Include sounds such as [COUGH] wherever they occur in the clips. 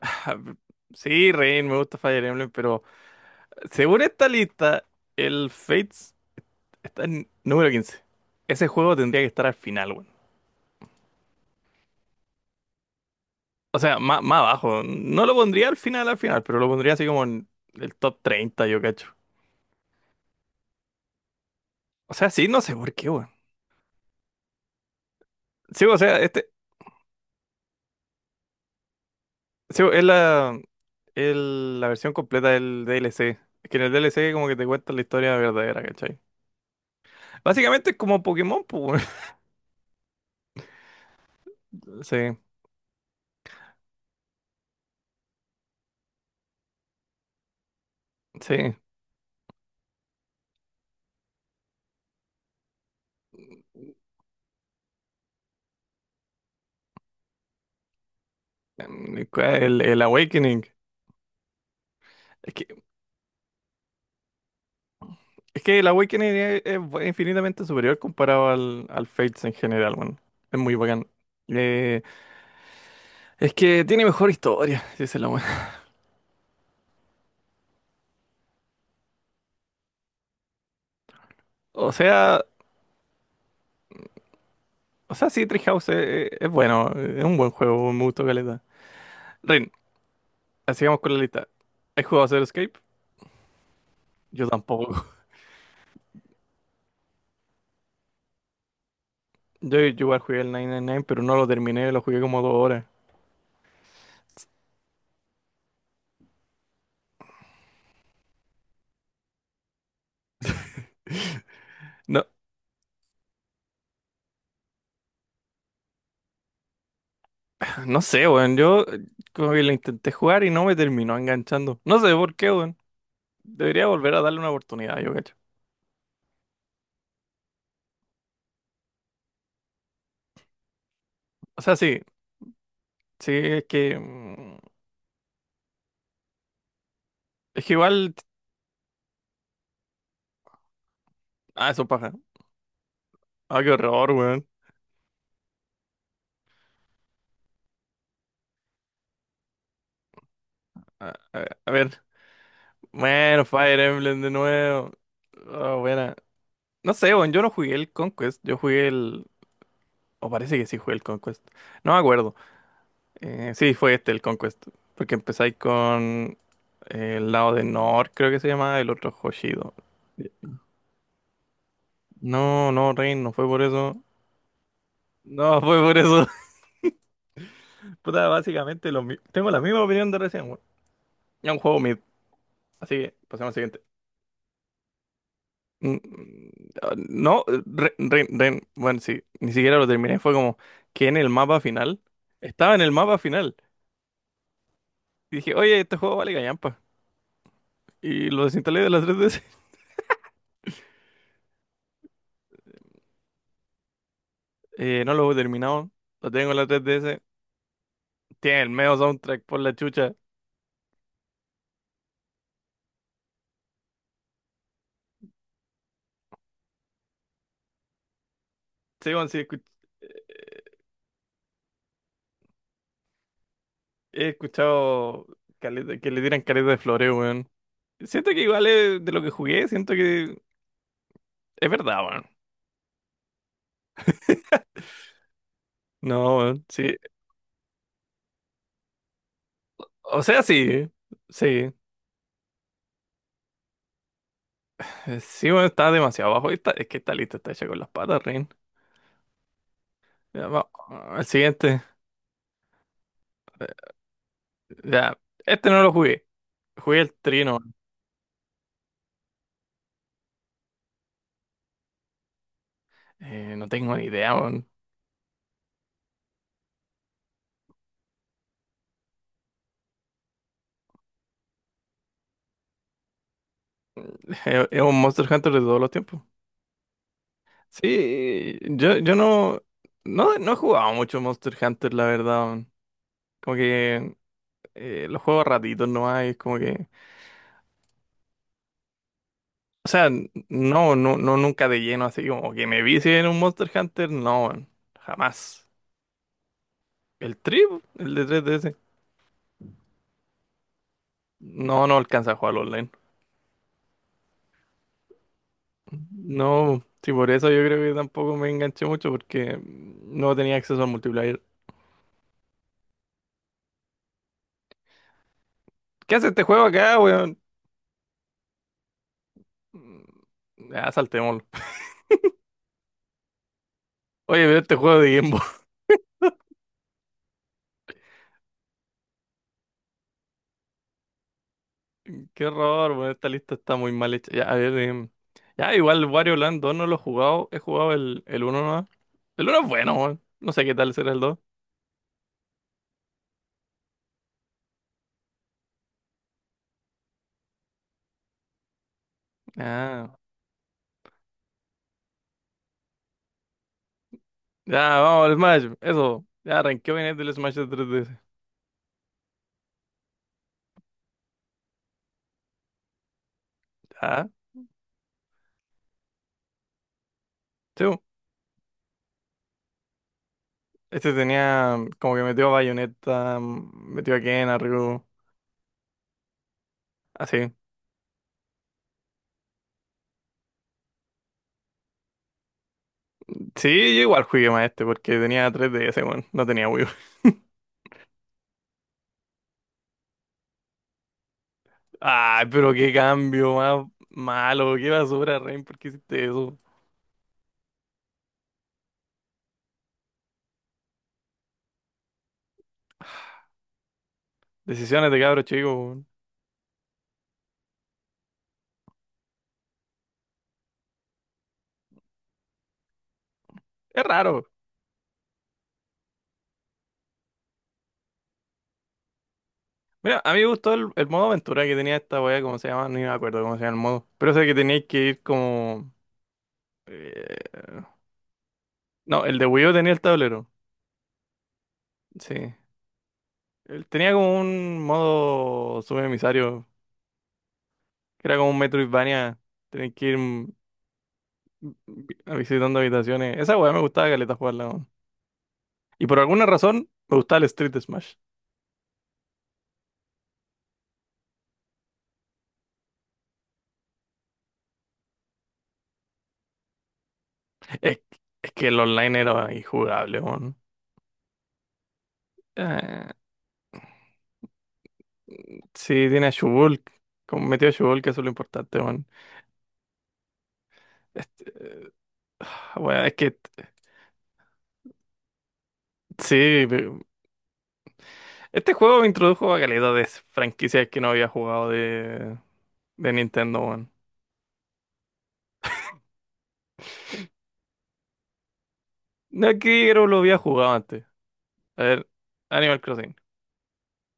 [LAUGHS] Sí, Rain, me gusta Fire Emblem, pero según esta lista, el Fates está en número 15. Ese juego tendría que estar al final, weón. O sea, más abajo. No lo pondría al final, pero lo pondría así como en el top 30, yo cacho. O sea, sí, no sé por qué, weón. Sí, o sea, este sí, es la, la versión completa del DLC. Es que en el DLC como que te cuentan la historia verdadera, ¿cachai? Básicamente es como Pokémon, pues, weón. [LAUGHS] Sí, sí. El Awakening. Es Es que la Awakening es, es infinitamente superior comparado al, al Fates en general, bueno. Es muy bacán. Eh, es que tiene mejor historia, [LAUGHS] si es la buena. [LAUGHS] O sea, o sea, sí, Treehouse es, es bueno, es un buen juego, me gustó caleta. Rin, así vamos con la lista. ¿Has jugado Zero Escape? Yo tampoco. [LAUGHS] Yo igual jugué el 999, pero no lo terminé, lo jugué como dos horas. No, no sé, weón, yo, como que lo intenté jugar y no me terminó enganchando. No sé por qué, weón. Debería volver a darle una oportunidad, yo cacho. O sea, sí. Sí, es que. Es que igual. Ah, eso paja. Ah, qué horror, weón. Ah, a ver. Bueno, Fire Emblem de nuevo. Ah, buena. No sé, weón. Yo no jugué el Conquest. Yo jugué el. O parece que sí jugué el Conquest. No me acuerdo. Sí, fue este, el Conquest. Porque empezáis con. El lado de Nor, creo que se llama. El otro Hoshido. No, no, Rain, no fue por eso. No, fue por eso. [LAUGHS] Puta, básicamente tengo la misma opinión de recién, weón. Es un juego mid. Así que, pasemos al siguiente. Mm, No, Ren, bueno, sí, ni siquiera lo terminé. Fue como que en el mapa final. Estaba en el mapa final. Y dije, oye, este juego vale callampa. Y lo desinstalé de la [LAUGHS] 3DS. No lo he terminado. Lo tengo en la 3DS. Tiene el medio soundtrack por la chucha. Sí, weón, sí, eh, he escuchado que le tiran caleta de floreo, weón. Siento que igual es de lo que jugué, siento que es verdad, weón. No, weón, sí. O sea, sí. Sí. Sí, bueno, está demasiado abajo. Está, es que está listo, está hecha con las patas, Rin. Ya, va- El siguiente. Eh, Ya, este no lo jugué. Jugué el Trino. No tengo ni idea, weón. [LAUGHS] Es un Monster Hunter de todos los tiempos. Sí, yo no he jugado mucho Monster Hunter, la verdad. Weón. Como que los juego a ratitos nomás, y es como que. O sea, no, no, no, nunca de lleno, así como que me vi en un Monster Hunter, no, weón. Jamás. El Trip, el de 3DS. No, no alcanza a jugar online. No, sí, por eso yo creo que tampoco me enganché mucho porque no tenía acceso al multiplayer. ¿Qué hace este juego acá, weón? Ya, saltémoslo. Oye, pero este juego de Game Boy. [LAUGHS] Qué horror, weón. Esta lista está muy mal hecha. Ya, a ver, em, ya, igual Wario Land 2 no lo he jugado. He jugado el uno nomás. El uno es bueno, weón. No sé qué tal será el dos. Ah, ya, vamos al Smash. Eso. Ya, ranqueo bien el del Smash de 3DS. Ya, sí. Este tenía como que metió a Bayonetta, metió a Ken, a Ryu, así. Sí, yo igual jugué más este porque tenía 3DS, weón, no tenía Wii U. [LAUGHS] Ay, pero qué cambio más malo, qué basura, Rain, ¿por qué hiciste eso? Decisiones de cabro chico, weón. Es raro. Mira, a mí me gustó el modo aventura que tenía esta weá, ¿cómo se llama? Ni me acuerdo cómo se llama el modo. Pero sé que teníais que ir como... eh, no, el de Wii U tenía el tablero, sí. Él tenía como un modo subemisario que era como un Metroidvania, tenés que ir visitando habitaciones. Esa weá me gustaba caleta jugarla, weón. Y por alguna razón me gustaba el Street Smash. Es, es que el online era injugable, weón. Eh, sí, tiene a Shulk. Como metió a Shulk, eso es lo importante, weón. Esta weá, es que sí, este juego me introdujo a caleta de franquicias que no había jugado de Nintendo, weón. No es que yo lo había jugado antes. A ver, Animal Crossing.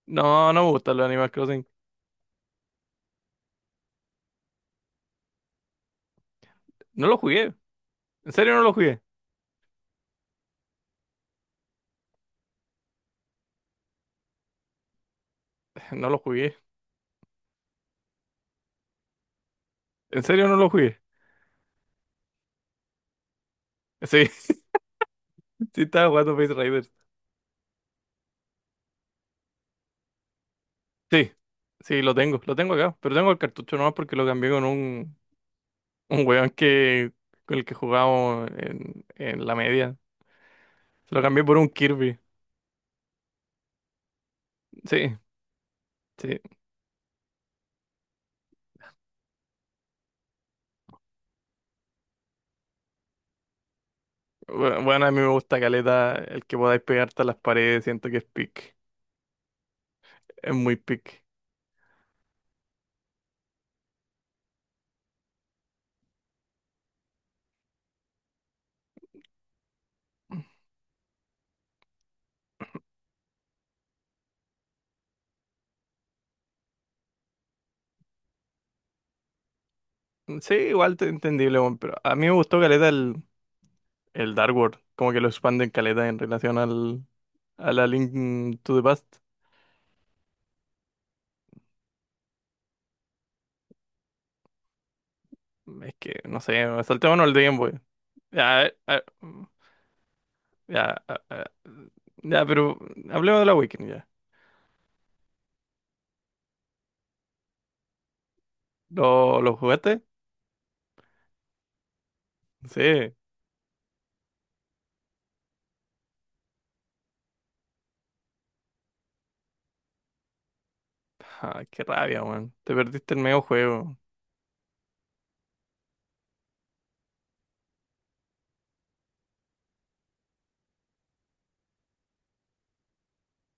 No, no me gustan los Animal Crossing. No lo jugué. ¿En serio no lo jugué? [LAUGHS] No lo jugué. ¿En serio no lo jugué? Sí, [LAUGHS] sí estaba jugando Face Raiders. Sí, sí, lo tengo acá. Pero tengo el cartucho nomás porque lo cambié con un weón que, con el que jugábamos en la media. Se lo cambié por un Kirby. Sí, sí. Bueno, a mí me gusta caleta el que podáis pegarte a las paredes. Siento que es pick. Es muy pick. Sí, igual, entendible, weón, pero a mí me gustó caleta el Dark World. Como que lo expanden caleta en relación al, a la Link to the Past. Es que, no sé, saltémonos el de Game Boy. Ya, eh, eh, ya, eh, eh, ya, pero hablemos de la Weekend ya. Lo jugaste? Sí. Ah, qué rabia, weón. Te perdiste el medio juego.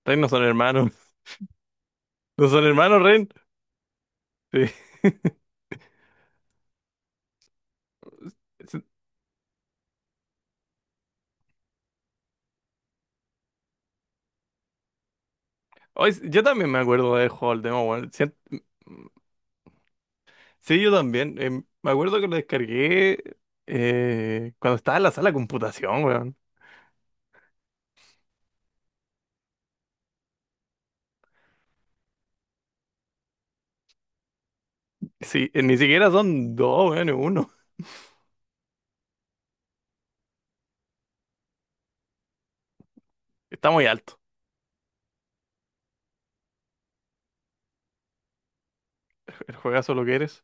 Ren no son hermanos. [LAUGHS] ¿No son hermanos, Ren? Sí. [LAUGHS] Hoy, yo también me acuerdo de juego al demo, weón. Sí, yo también. Em, me acuerdo que lo descargué cuando estaba en la sala de computación, weón. Sí, ni siquiera son dos, weón, es uno. Está muy alto. El juegazo lo que eres.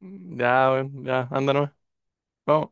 Ya, weón, ya, anda nomás. Vamos.